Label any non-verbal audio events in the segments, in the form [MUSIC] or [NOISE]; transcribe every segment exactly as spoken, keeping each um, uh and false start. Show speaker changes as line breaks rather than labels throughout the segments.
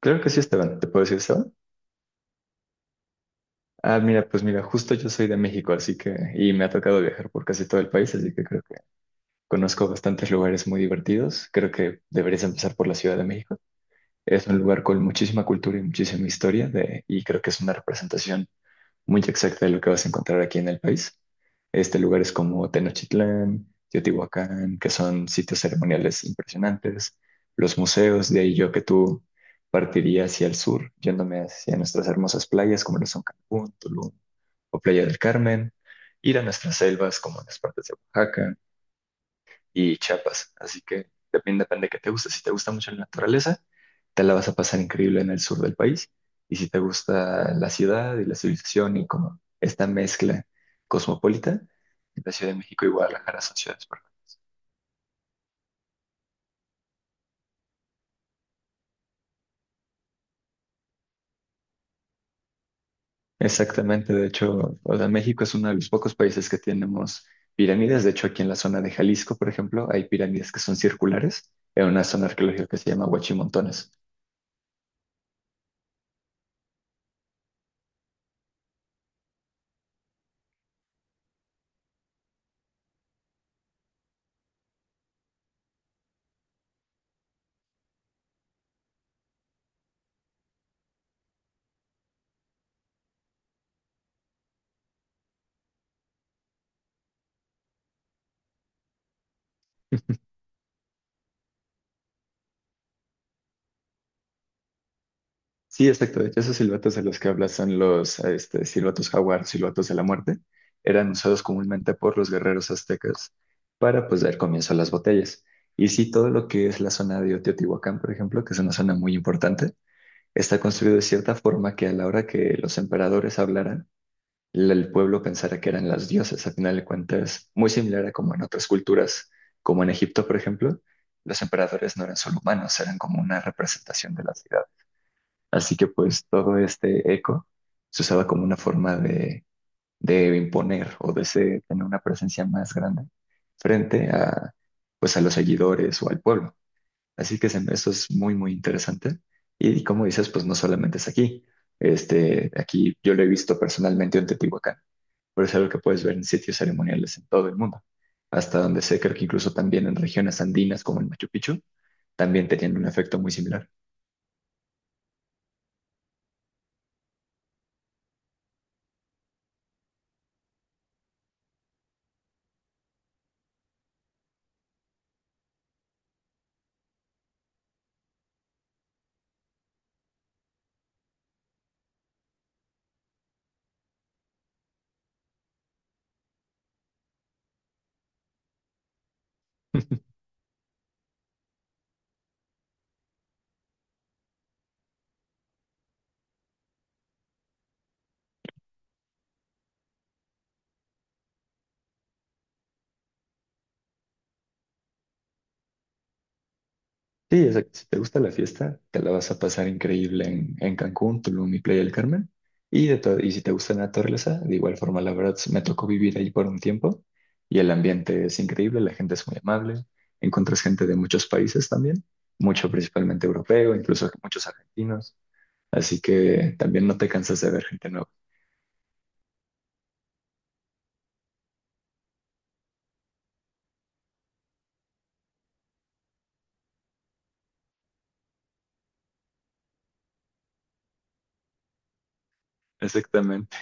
Claro que sí, Esteban. ¿Te puedo decir, Esteban? Ah, mira, pues mira, justo yo soy de México, así que, y me ha tocado viajar por casi todo el país, así que creo que conozco bastantes lugares muy divertidos. Creo que deberías empezar por la Ciudad de México. Es un lugar con muchísima cultura y muchísima historia de, y creo que es una representación muy exacta de lo que vas a encontrar aquí en el país. Este, lugares como Tenochtitlán, Teotihuacán, que son sitios ceremoniales impresionantes, los museos, de ahí yo que tú partiría hacia el sur, yéndome hacia nuestras hermosas playas como lo son Cancún, Tulum o Playa del Carmen, ir a nuestras selvas como las partes de Oaxaca, y Chiapas. Así que también depende de qué te guste. Si te gusta mucho la naturaleza, te la vas a pasar increíble en el sur del país. Y si te gusta la ciudad y la civilización y como esta mezcla cosmopolita, la Ciudad de México y Guadalajara son ciudades perfectas. Exactamente, de hecho, o sea, México es uno de los pocos países que tenemos pirámides. De hecho, aquí en la zona de Jalisco, por ejemplo, hay pirámides que son circulares en una zona arqueológica que se llama Huachimontones. Sí, exacto. De hecho, esos silbatos de los que hablas son los este, silbatos jaguar, silbatos de la muerte. Eran usados comúnmente por los guerreros aztecas para pues dar comienzo a las batallas. Y sí, todo lo que es la zona de Teotihuacán, por ejemplo, que es una zona muy importante, está construido de cierta forma que a la hora que los emperadores hablaran, la- el pueblo pensara que eran las dioses. A final de cuentas, muy similar a como en otras culturas, como en Egipto, por ejemplo, los emperadores no eran solo humanos, eran como una representación de la ciudad. Así que pues todo este eco se usaba como una forma de, de imponer o de ser- tener una presencia más grande frente a, pues, a los seguidores o al pueblo. Así que se- eso es muy, muy interesante. Y como dices, pues no solamente es aquí. Este, aquí yo lo he visto personalmente en Teotihuacán, pero es algo que puedes ver en sitios ceremoniales en todo el mundo. Hasta donde sé, creo que incluso también en regiones andinas como el Machu Picchu, también tenían un efecto muy similar. [LAUGHS] Sí, o sea, si te gusta la fiesta, te la vas a pasar increíble en, en Cancún, Tulum y Playa del Carmen. Y, de to- y si te gusta la naturaleza, de igual forma, la verdad, me tocó vivir ahí por un tiempo y el ambiente es increíble, la gente es muy amable, encuentras gente de muchos países también, mucho principalmente europeo, incluso muchos argentinos, así que también no te cansas de ver gente nueva. Exactamente.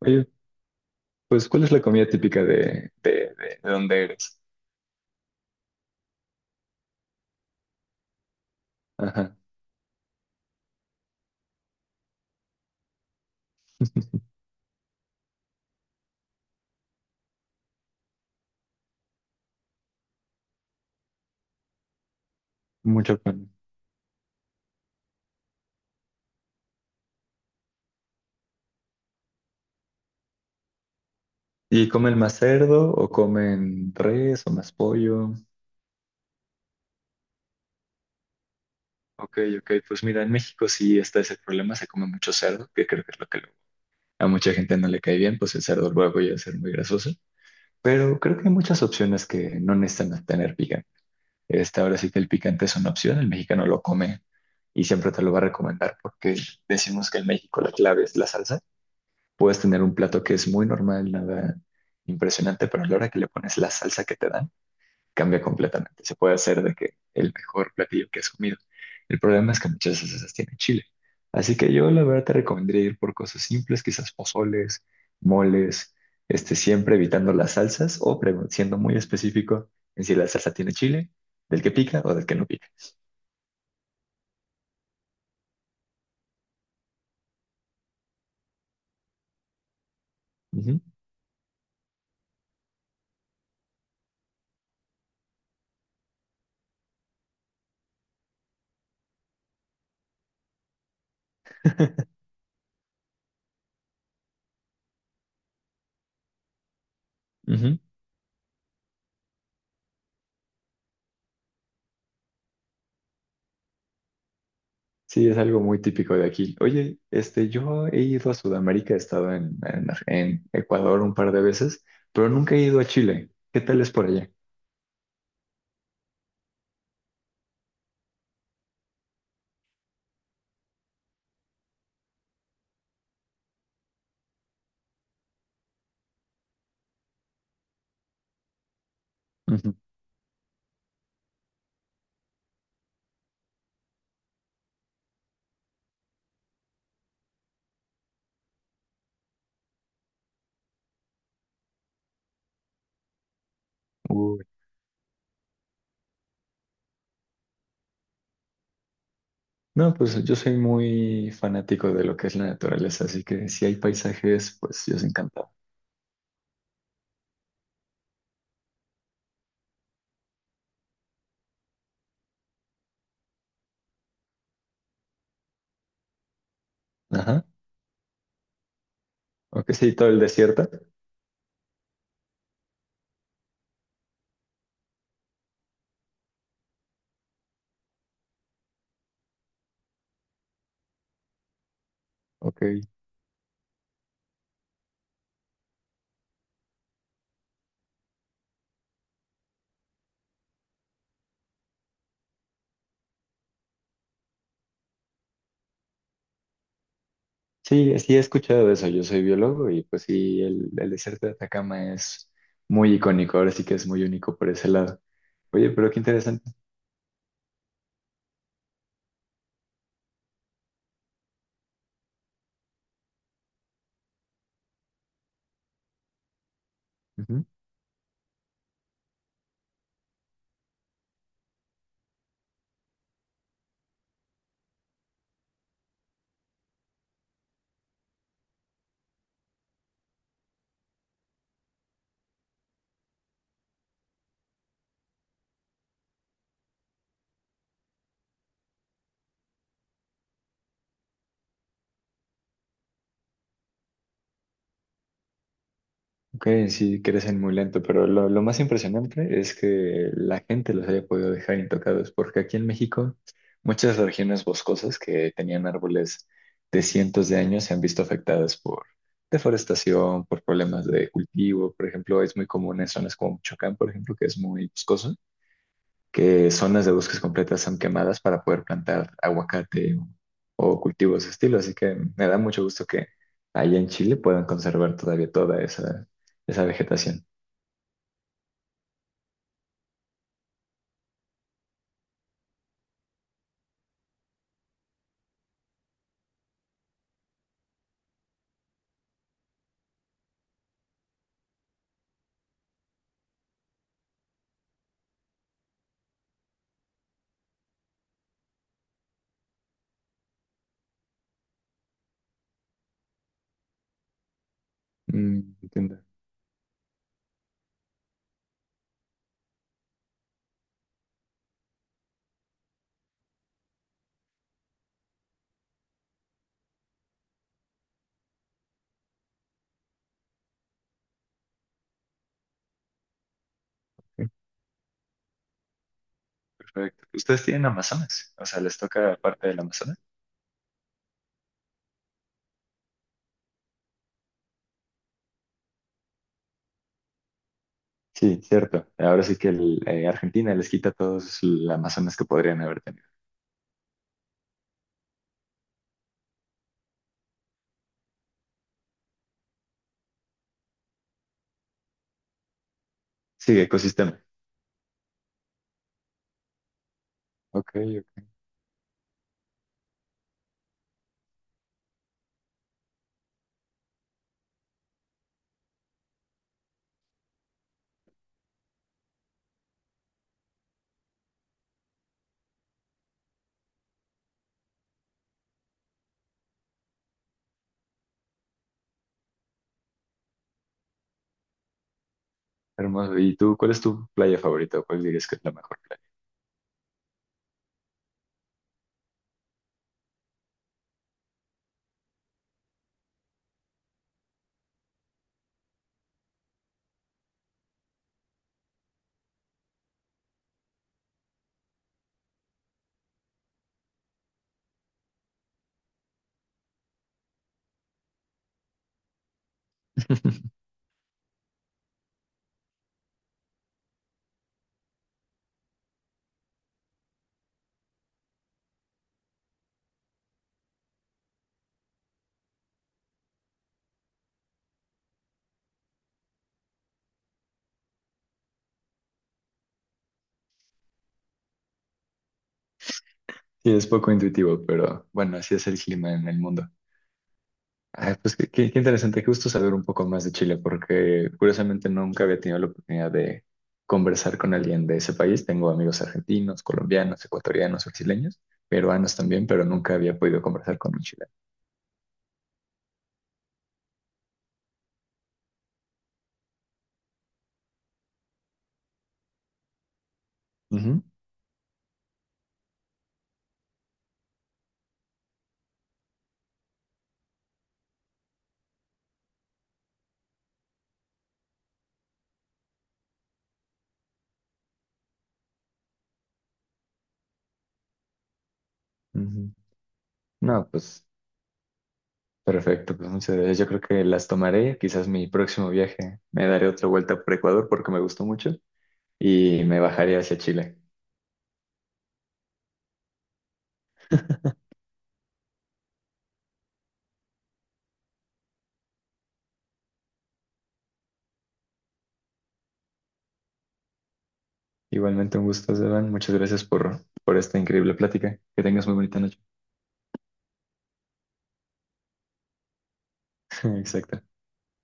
Oye, pues, ¿cuál es la comida típica de, de, de, de donde eres? Ajá, mucho pan. ¿Y comen más cerdo o comen res o más pollo? Ok, ok, pues mira, en México sí está ese problema, se come mucho cerdo, que creo que es lo que luego a mucha gente no le cae bien, pues el cerdo luego llega a ser muy grasoso, pero creo que hay muchas opciones que no necesitan tener picante. Esta ahora sí que el picante es una opción, el mexicano lo come y siempre te lo va a recomendar porque decimos que en México la clave es la salsa. Puedes tener un plato que es muy normal, nada impresionante, pero a la hora que le pones la salsa que te dan, cambia completamente. Se puede hacer de que el mejor platillo que has comido. El problema es que muchas veces esas tienen chile. Así que yo la verdad te recomendaría ir por cosas simples, quizás pozoles, moles, este, siempre evitando las salsas o pre- siendo muy específico en si la salsa tiene chile, del que pica o del que no pica. Ujú. [LAUGHS] Ujú. Sí, es algo muy típico de aquí. Oye, este, yo he ido a Sudamérica, he estado en, en- en Ecuador un par de veces, pero nunca he ido a Chile. ¿Qué tal es por allá? Ujú. No, pues yo soy muy fanático de lo que es la naturaleza, así que si hay paisajes, pues yo soy encantado. Ajá. O que sí, todo el desierto. Ok. Sí, sí he escuchado de eso. Yo soy biólogo y pues sí, el, el desierto de Atacama es muy icónico, ahora sí que es muy único por ese lado. Oye, pero qué interesante. Ok, sí, crecen muy lento, pero lo, lo más impresionante es que la gente los haya podido dejar intocados, porque aquí en México muchas regiones boscosas que tenían árboles de cientos de años se han visto afectadas por deforestación, por problemas de cultivo. Por ejemplo, es muy común en zonas como Michoacán, por ejemplo, que es muy boscoso que zonas de bosques completas son quemadas para poder plantar aguacate o, o cultivos de estilo. Así que me da mucho gusto que allá en Chile puedan conservar todavía toda esa, esa vegetación. Mm, entiendo. Sí, perfecto. ¿Ustedes tienen Amazonas? O sea, ¿les toca parte del Amazonas? Sí, cierto. Ahora sí que el, eh, Argentina les quita todos el Amazonas que podrían haber tenido. Sí, ecosistema. Ok, ok. Hermoso. ¿Y tú, cuál es tu playa favorita? ¿O ¿Cuál dirías que es la mejor playa? [LAUGHS] Sí, es poco intuitivo, pero bueno, así es el clima en el mundo. Ay, pues qué, qué- qué interesante, qué gusto saber un poco más de Chile, porque curiosamente nunca había tenido la oportunidad de conversar con alguien de ese país. Tengo amigos argentinos, colombianos, ecuatorianos, brasileños, peruanos también, pero nunca había podido conversar con un chileno. Ujú, ujú. No, pues perfecto, pues muchas gracias. Yo creo que las tomaré, quizás mi próximo viaje me daré otra vuelta por Ecuador porque me gustó mucho y me bajaré hacia Chile. Igualmente un gusto, Esteban. Muchas gracias por, por esta increíble plática. Que tengas muy bonita noche. [LAUGHS] Exacto.